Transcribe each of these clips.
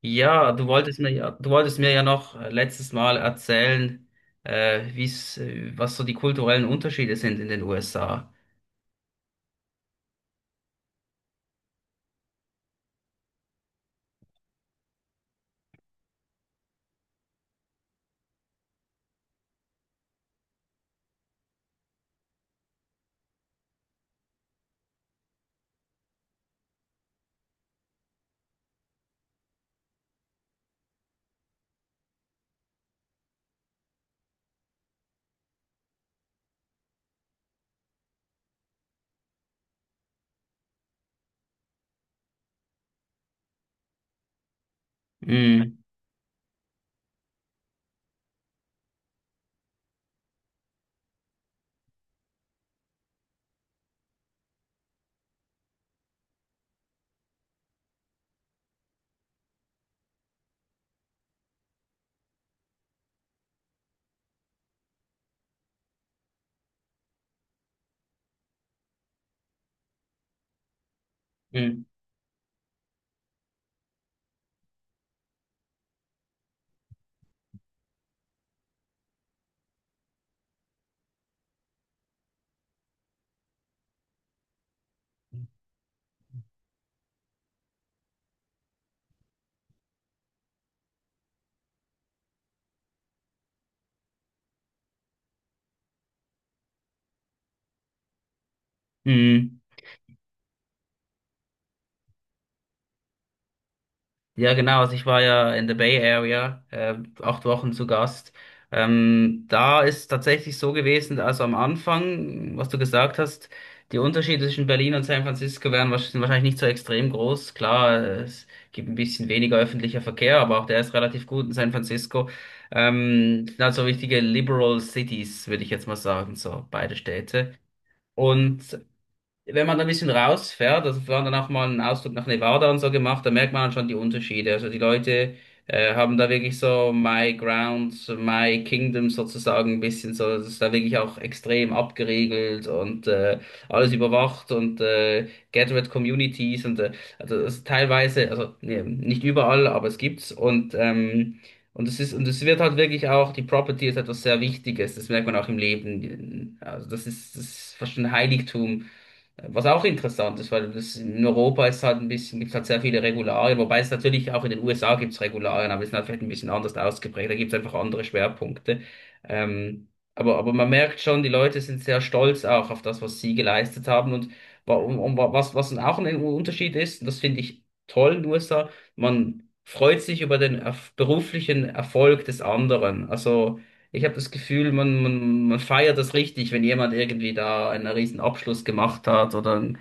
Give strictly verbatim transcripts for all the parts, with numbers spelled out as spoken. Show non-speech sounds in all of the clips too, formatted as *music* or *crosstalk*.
Ja, du wolltest mir ja, du wolltest mir ja noch äh, letztes Mal erzählen, äh, wie's, äh, was so die kulturellen Unterschiede sind in den U S A. Mm, mm, mm. Ja, genau. Also ich war ja in der Bay Area, äh, acht Wochen zu Gast. Ähm, da ist tatsächlich so gewesen, also am Anfang, was du gesagt hast, die Unterschiede zwischen Berlin und San Francisco wären wahrsch- sind wahrscheinlich nicht so extrem groß. Klar, äh, es gibt ein bisschen weniger öffentlicher Verkehr, aber auch der ist relativ gut in San Francisco. Ähm, sind halt so richtige Liberal Cities, würde ich jetzt mal sagen, so beide Städte. Und wenn man da ein bisschen rausfährt, also wir haben dann auch mal einen Ausflug nach Nevada und so gemacht, da merkt man dann schon die Unterschiede. Also die Leute äh, haben da wirklich so My Grounds, My Kingdom sozusagen ein bisschen so, das ist da wirklich auch extrem abgeriegelt und äh, alles überwacht und äh, Gated Communities und äh, also das ist teilweise, also nee, nicht überall, aber es gibt's und ähm, und es ist, und es wird halt wirklich auch, die Property ist etwas sehr Wichtiges, das merkt man auch im Leben. Also das ist, das ist fast ein Heiligtum, was auch interessant ist, weil das in Europa ist halt ein bisschen, gibt es halt sehr viele Regularien, wobei es natürlich auch in den U S A gibt es Regularien, aber die sind halt vielleicht ein bisschen anders ausgeprägt, da gibt es einfach andere Schwerpunkte. Ähm, aber, aber man merkt schon, die Leute sind sehr stolz auch auf das, was sie geleistet haben, und wa- und, und wa- was, was auch ein Unterschied ist, und das finde ich toll in den U S A, man freut sich über den erf beruflichen Erfolg des anderen. Also ich habe das Gefühl, man, man, man feiert das richtig, wenn jemand irgendwie da einen riesen Abschluss gemacht hat oder ein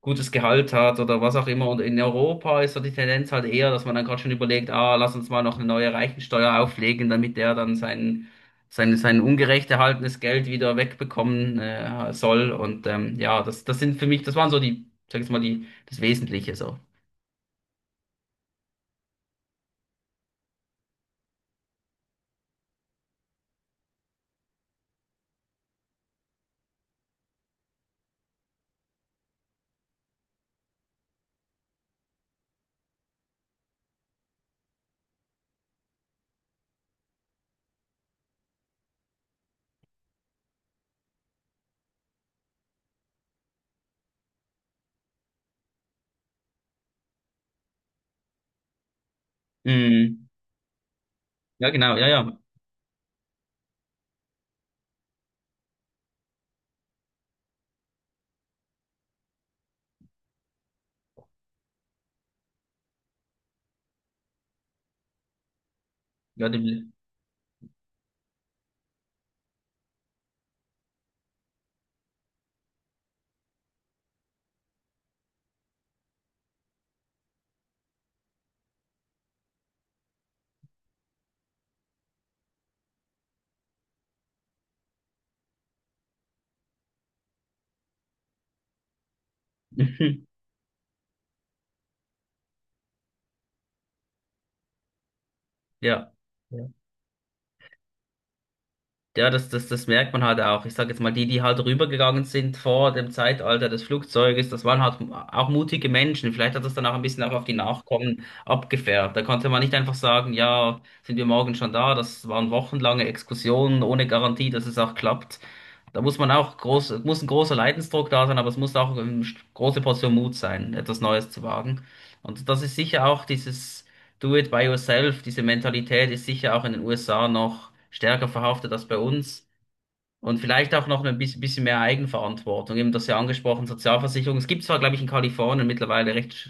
gutes Gehalt hat oder was auch immer. Und in Europa ist so die Tendenz halt eher, dass man dann gerade schon überlegt, ah, lass uns mal noch eine neue Reichensteuer auflegen, damit der dann sein, sein, sein ungerecht erhaltenes Geld wieder wegbekommen äh, soll. Und ähm, ja, das, das sind für mich, das waren so die, sag ich mal, die, das Wesentliche so. Mm, ja, genau, ja, ja. Ja, die, *laughs* ja. Ja, das, das, das merkt man halt auch. Ich sage jetzt mal, die, die halt rübergegangen sind vor dem Zeitalter des Flugzeuges, das waren halt auch mutige Menschen. Vielleicht hat das dann auch ein bisschen auch auf die Nachkommen abgefärbt. Da konnte man nicht einfach sagen, ja, sind wir morgen schon da. Das waren wochenlange Exkursionen ohne Garantie, dass es auch klappt. Da muss man auch groß, muss ein großer Leidensdruck da sein, aber es muss auch eine große Portion Mut sein, etwas Neues zu wagen. Und das ist sicher auch dieses Do it by yourself, diese Mentalität ist sicher auch in den U S A noch stärker verhaftet als bei uns. Und vielleicht auch noch ein bisschen bisschen mehr Eigenverantwortung. Eben das ja angesprochen, Sozialversicherung. Es gibt zwar, glaube ich, in Kalifornien mittlerweile recht sch-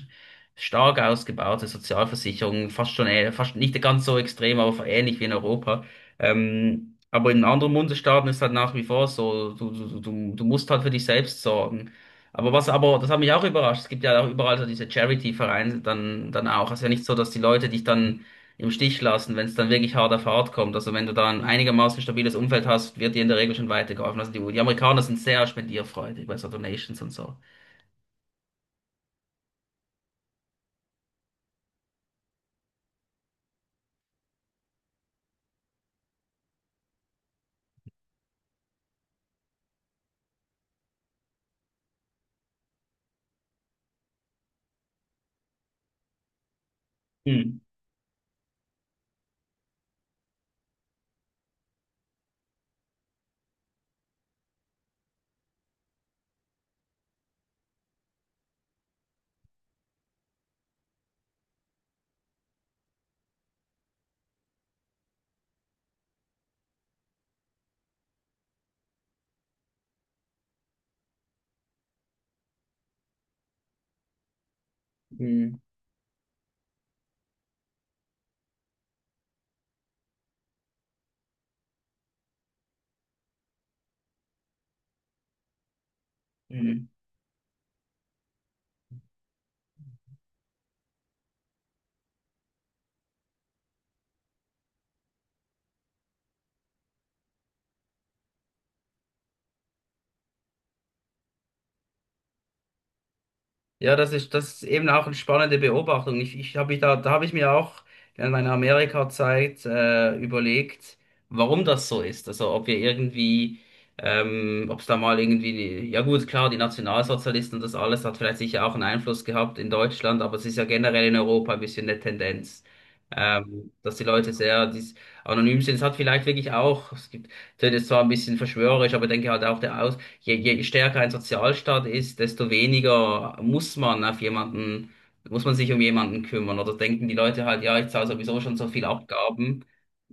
stark ausgebaute Sozialversicherungen, fast schon, äh, fast nicht ganz so extrem, aber ähnlich wie in Europa. Ähm, aber in anderen Bundesstaaten ist halt nach wie vor so, du, du, du, du musst halt für dich selbst sorgen. Aber was aber, das hat mich auch überrascht, es gibt ja auch überall so diese Charity-Vereine dann, dann auch. Es ist ja nicht so, dass die Leute dich dann im Stich lassen, wenn es dann wirklich hart auf hart kommt. Also wenn du da ein einigermaßen stabiles Umfeld hast, wird dir in der Regel schon weitergeholfen. Also die, die Amerikaner sind sehr spendierfreudig bei so Donations und so. Hm. Mhm. Hm. Ja, das ist, das ist eben auch eine spannende Beobachtung. Ich, ich habe da, da habe ich mir auch während meiner Amerika-Zeit äh, überlegt, warum das so ist. Also ob wir irgendwie, ähm, ob es da mal irgendwie, ja gut, klar, die Nationalsozialisten und das alles hat vielleicht sicher auch einen Einfluss gehabt in Deutschland, aber es ist ja generell in Europa ein bisschen eine Tendenz. Ähm, dass die Leute sehr dies, anonym sind. Es hat vielleicht wirklich auch, es gibt, das ist zwar ein bisschen verschwörerisch, aber ich denke halt auch der Aus, je, je stärker ein Sozialstaat ist, desto weniger muss man auf jemanden, muss man sich um jemanden kümmern. Oder denken die Leute halt, ja, ich zahle sowieso schon so viel Abgaben,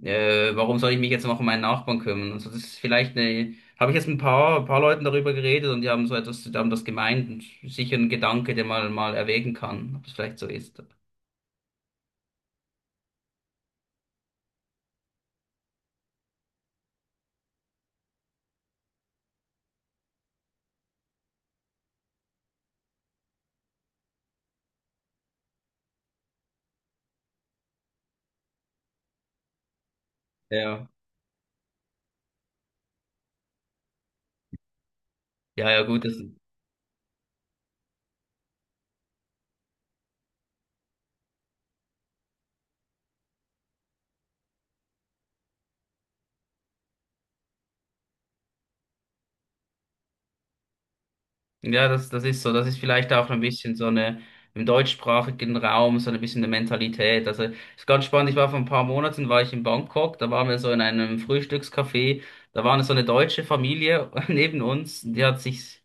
äh, warum soll ich mich jetzt noch um meinen Nachbarn kümmern? Also das ist vielleicht eine, habe ich jetzt ein paar, paar Leuten darüber geredet und die haben so etwas, die haben das gemeint und sicher ein Gedanke, den man mal erwägen kann, ob es vielleicht so ist. Ja. Ja, ja, gut, das, ja, das, das ist so. Das ist vielleicht auch ein bisschen so eine, im deutschsprachigen Raum so ein bisschen eine Mentalität. Also ist ganz spannend. Ich war vor ein paar Monaten war ich in Bangkok. Da waren wir so in einem Frühstückscafé. Da war eine so eine deutsche Familie *laughs* neben uns. Die hat sich,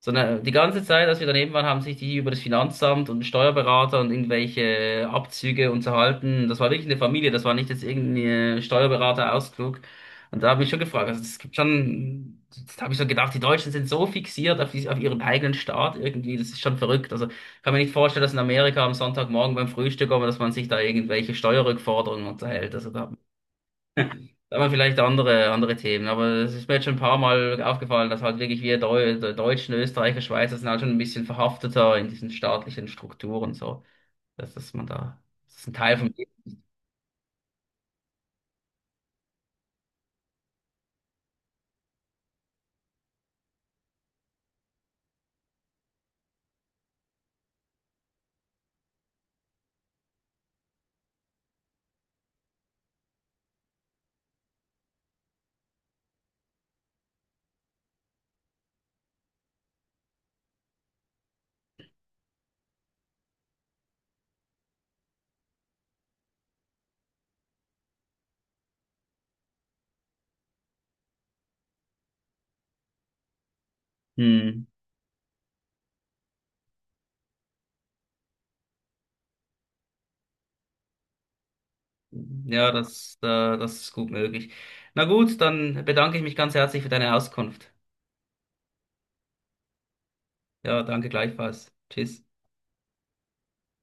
sondern äh, die ganze Zeit, als wir daneben waren, haben sich die über das Finanzamt und Steuerberater und irgendwelche äh, Abzüge unterhalten. Das war wirklich eine Familie, das war nicht jetzt irgendein Steuerberater-Ausflug. Und da habe ich schon gefragt, also es gibt schon, da habe ich so gedacht, die Deutschen sind so fixiert auf, dies- auf ihren eigenen Staat irgendwie, das ist schon verrückt. Also ich kann mir nicht vorstellen, dass in Amerika am Sonntagmorgen beim Frühstück, aber dass man sich da irgendwelche Steuerrückforderungen unterhält. Also da, aber vielleicht andere, andere Themen. Aber es ist mir jetzt schon ein paar Mal aufgefallen, dass halt wirklich wir Deu Deutschen, Österreicher, Schweizer sind halt schon ein bisschen verhafteter in diesen staatlichen Strukturen so. Dass, dass man da, das ist ein Teil von. Hm. Ja, das, da, das ist gut möglich. Na gut, dann bedanke ich mich ganz herzlich für deine Auskunft. Ja, danke gleichfalls. Tschüss.